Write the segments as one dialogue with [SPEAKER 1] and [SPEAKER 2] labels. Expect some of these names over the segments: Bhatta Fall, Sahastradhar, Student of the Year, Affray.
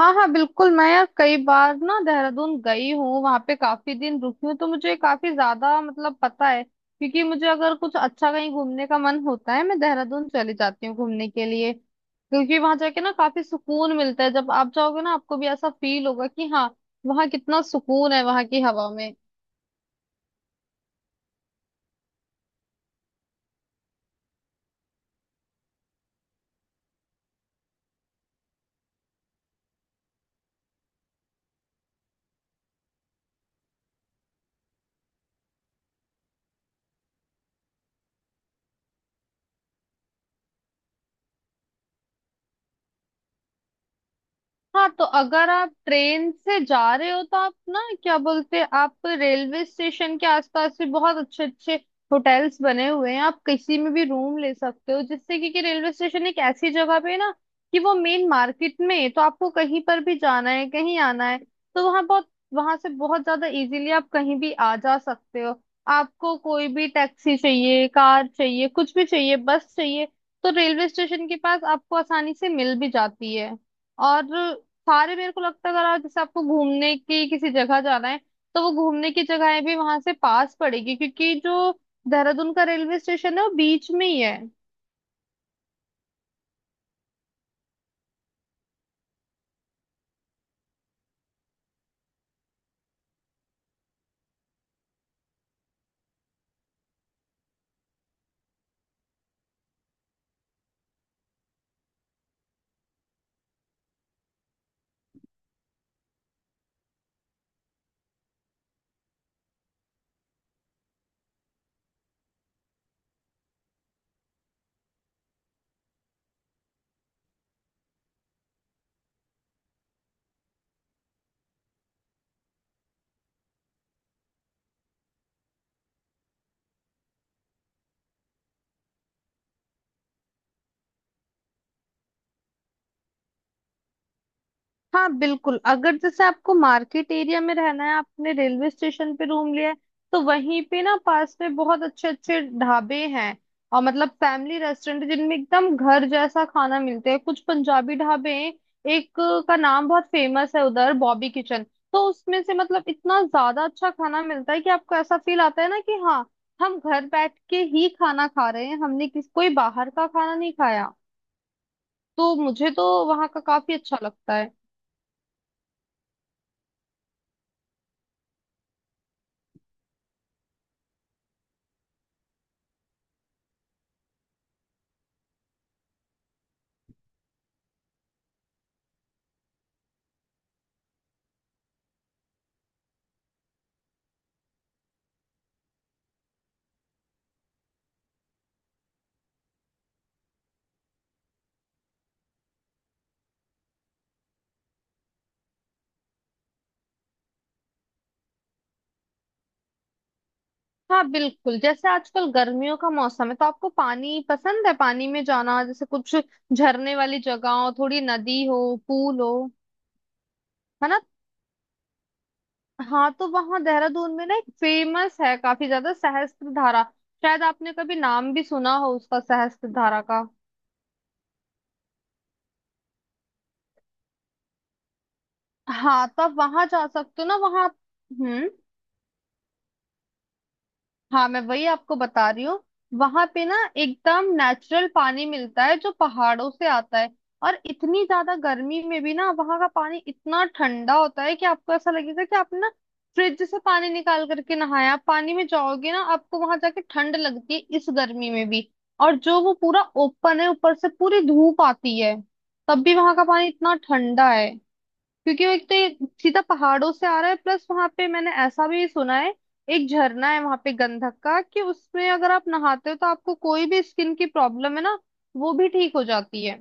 [SPEAKER 1] हाँ, हाँ, बिल्कुल। मैं यार कई बार ना देहरादून गई हूँ, वहां पे काफी दिन रुकी हूँ। तो मुझे काफी ज्यादा मतलब पता है, क्योंकि मुझे अगर कुछ अच्छा कहीं घूमने का मन होता है मैं देहरादून चली जाती हूँ घूमने के लिए, क्योंकि वहां जाके ना काफी सुकून मिलता है। जब आप जाओगे ना, आपको भी ऐसा फील होगा कि हाँ, वहाँ कितना सुकून है, वहां की हवा में। हाँ, तो अगर आप ट्रेन से जा रहे हो तो आप ना क्या बोलते हैं, आप रेलवे स्टेशन के आसपास भी बहुत अच्छे अच्छे होटल्स बने हुए हैं। आप किसी में भी रूम ले सकते हो, जिससे कि रेलवे स्टेशन एक ऐसी जगह पे है ना, कि वो मेन मार्केट में है। तो आपको कहीं पर भी जाना है, कहीं आना है, तो वहाँ बहुत वहां से बहुत ज्यादा इजीली आप कहीं भी आ जा सकते हो। आपको कोई भी टैक्सी चाहिए, कार चाहिए, कुछ भी चाहिए, बस चाहिए, तो रेलवे स्टेशन के पास आपको आसानी से मिल भी जाती है। और सारे, मेरे को लगता है, अगर आप जैसे आपको घूमने की किसी जगह जाना है तो वो घूमने की जगहें भी वहां से पास पड़ेगी, क्योंकि जो देहरादून का रेलवे स्टेशन है वो बीच में ही है। हाँ, बिल्कुल। अगर जैसे आपको मार्केट एरिया में रहना है, आपने रेलवे स्टेशन पे रूम लिया है, तो वहीं पे ना पास में बहुत अच्छे अच्छे ढाबे हैं। और मतलब फैमिली रेस्टोरेंट जिनमें एकदम घर जैसा खाना मिलते हैं, कुछ पंजाबी ढाबे हैं। एक का नाम बहुत फेमस है उधर, बॉबी किचन। तो उसमें से मतलब इतना ज्यादा अच्छा खाना मिलता है कि आपको ऐसा फील आता है ना कि हाँ, हम घर बैठ के ही खाना खा रहे हैं, हमने किस कोई बाहर का खाना नहीं खाया। तो मुझे तो वहाँ का काफी अच्छा लगता है। हाँ, बिल्कुल। जैसे आजकल गर्मियों का मौसम है तो आपको पानी पसंद है, पानी में जाना, जैसे कुछ झरने वाली जगह हो, थोड़ी नदी हो, पूल हो, है ना? हाँ, तो वहाँ देहरादून में ना एक फेमस है काफी ज्यादा, सहस्त्र धारा। शायद आपने कभी नाम भी सुना हो उसका, सहस्त्र धारा का। हाँ, तो आप वहां जा सकते हो ना, वहाँ। हम्म हाँ, मैं वही आपको बता रही हूँ। वहां पे ना एकदम नेचुरल पानी मिलता है, जो पहाड़ों से आता है। और इतनी ज्यादा गर्मी में भी ना वहां का पानी इतना ठंडा होता है कि आपको ऐसा लगेगा कि आपने ना फ्रिज से पानी निकाल करके नहाया। आप पानी में जाओगे ना, आपको वहां जाके ठंड लगती है इस गर्मी में भी। और जो वो पूरा ओपन है, ऊपर से पूरी धूप आती है, तब भी वहां का पानी इतना ठंडा है, क्योंकि वो एक तो ये सीधा पहाड़ों से आ रहा है। प्लस वहां पे मैंने ऐसा भी सुना है, एक झरना है वहां पे गंधक का, कि उसमें अगर आप नहाते हो तो आपको कोई भी स्किन की प्रॉब्लम है ना, वो भी ठीक हो जाती है।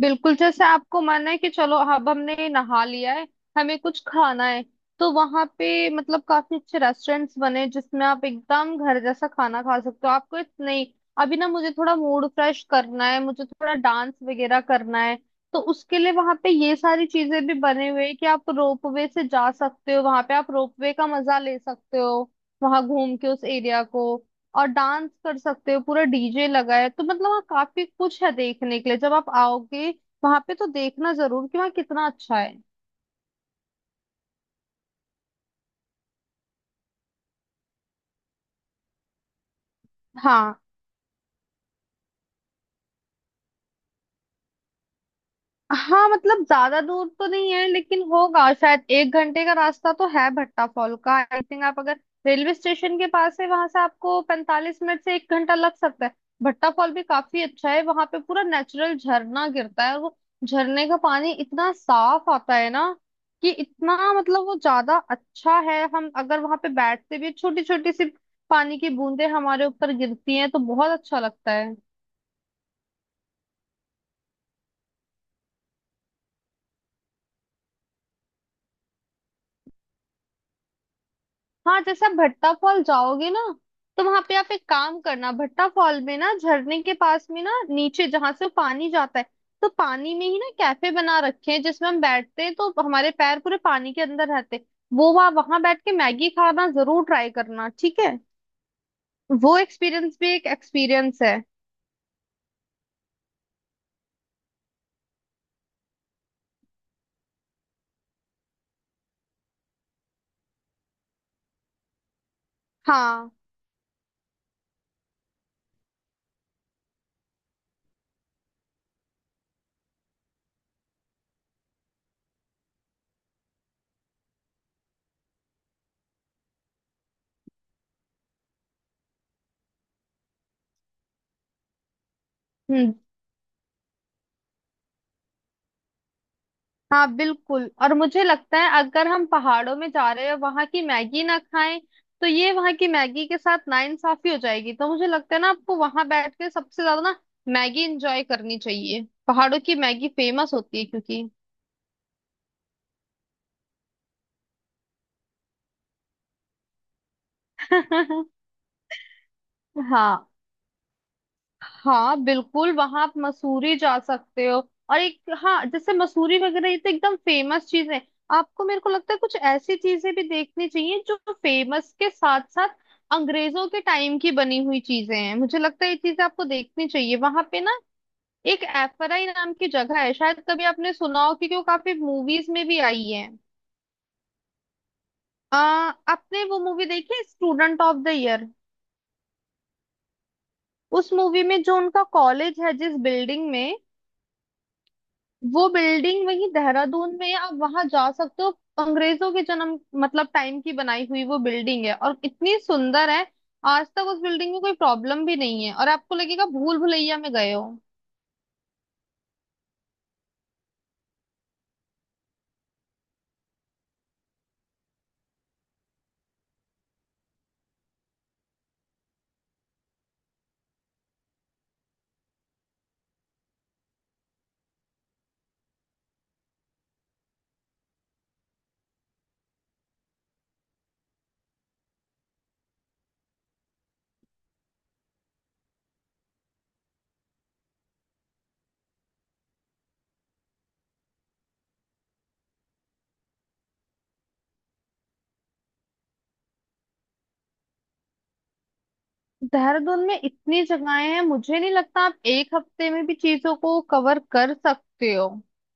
[SPEAKER 1] बिल्कुल, जैसे आपको मन है कि चलो, अब हमने नहा लिया है, हमें कुछ खाना है, तो वहां पे मतलब काफी अच्छे रेस्टोरेंट्स बने हैं, जिसमें आप एकदम घर जैसा खाना खा सकते हो। आपको नहीं, अभी ना मुझे थोड़ा मूड फ्रेश करना है, मुझे थोड़ा डांस वगैरह करना है, तो उसके लिए वहां पे ये सारी चीजें भी बने हुए हैं कि आप रोप वे से जा सकते हो, वहां पे आप रोप वे का मजा ले सकते हो वहां घूम के उस एरिया को। और डांस कर सकते हो, पूरा डीजे लगा है, तो मतलब वहाँ काफी कुछ है देखने के लिए। जब आप आओगे वहां पे, तो देखना जरूर कि वहाँ कितना अच्छा है। हाँ, हाँ, मतलब ज्यादा दूर तो नहीं है, लेकिन होगा शायद एक घंटे का रास्ता तो है भट्टा फॉल का, आई थिंक। आप अगर रेलवे स्टेशन के पास है, वहां से आपको 45 मिनट से एक घंटा लग सकता है। भट्टा फॉल भी काफी अच्छा है, वहां पे पूरा नेचुरल झरना गिरता है, और वो झरने का पानी इतना साफ आता है ना, कि इतना मतलब वो ज्यादा अच्छा है। हम अगर वहां पे बैठते भी, छोटी छोटी सी पानी की बूंदें हमारे ऊपर गिरती हैं तो बहुत अच्छा लगता है। हाँ, जैसे आप भट्टा फॉल जाओगे ना, तो वहां पे आप एक काम करना, भट्टा फॉल में ना झरने के पास में ना, नीचे जहां से पानी जाता है, तो पानी में ही ना कैफे बना रखे हैं, जिसमें हम बैठते हैं तो हमारे पैर पूरे पानी के अंदर रहते हैं। वो वहां वहां बैठ के मैगी खाना जरूर ट्राई करना, ठीक है। वो एक्सपीरियंस भी एक एक्सपीरियंस है। हाँ, हम्म, हाँ, बिल्कुल। और मुझे लगता है अगर हम पहाड़ों में जा रहे हैं वहां की मैगी ना खाएं, तो ये वहां की मैगी के साथ नाइंसाफी हो जाएगी। तो मुझे लगता है ना, आपको वहां बैठ के सबसे ज्यादा ना मैगी एंजॉय करनी चाहिए, पहाड़ों की मैगी फेमस होती है क्योंकि हाँ, हाँ, बिल्कुल। वहां आप मसूरी जा सकते हो। और एक, हाँ, जैसे मसूरी वगैरह, ये तो एकदम फेमस चीज है। आपको, मेरे को लगता है कुछ ऐसी चीजें भी देखनी चाहिए जो फेमस के साथ साथ अंग्रेजों के टाइम की बनी हुई चीजें हैं, मुझे लगता है ये चीजें आपको देखनी चाहिए वहां पे ना। एक एफराई नाम की जगह है, शायद कभी आपने सुना हो, क्योंकि वो काफी मूवीज में भी आई है। आ, आपने वो मूवी देखी स्टूडेंट ऑफ द ईयर? उस मूवी में जो उनका कॉलेज है, जिस बिल्डिंग में, वो बिल्डिंग वही देहरादून में है, आप वहां जा सकते हो। अंग्रेजों के जन्म मतलब टाइम की बनाई हुई वो बिल्डिंग है, और इतनी सुंदर है। आज तक उस बिल्डिंग में कोई प्रॉब्लम भी नहीं है, और आपको लगेगा भूल भुलैया में गए हो। देहरादून में इतनी जगहें हैं, मुझे नहीं लगता आप एक हफ्ते में भी चीजों को कवर कर सकते हो।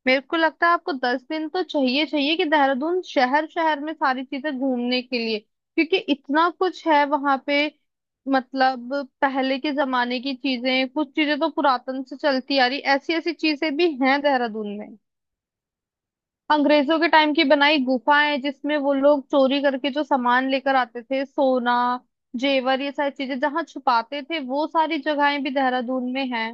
[SPEAKER 1] मेरे को लगता है आपको 10 दिन तो चाहिए, चाहिए कि देहरादून शहर, शहर में सारी चीजें घूमने के लिए, क्योंकि इतना कुछ है वहां पे। मतलब पहले के जमाने की चीजें, कुछ चीजें तो पुरातन से चलती आ रही, ऐसी ऐसी चीजें भी हैं देहरादून में। अंग्रेजों के टाइम की बनाई गुफाएं, जिसमें वो लोग चोरी करके जो सामान लेकर आते थे, सोना, जेवर, ये सारी चीजें जहाँ छुपाते थे, वो सारी जगहें भी देहरादून में हैं।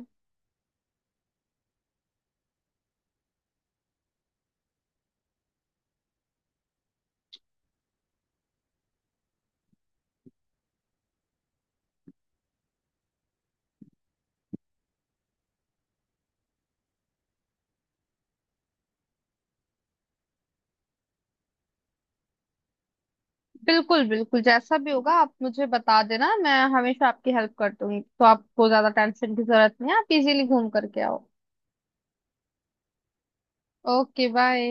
[SPEAKER 1] बिल्कुल, बिल्कुल, जैसा भी होगा आप मुझे बता देना, मैं हमेशा आपकी हेल्प कर दूंगी। तो आपको ज्यादा टेंशन की जरूरत नहीं है, आप इजीली घूम करके आओ। Okay, bye.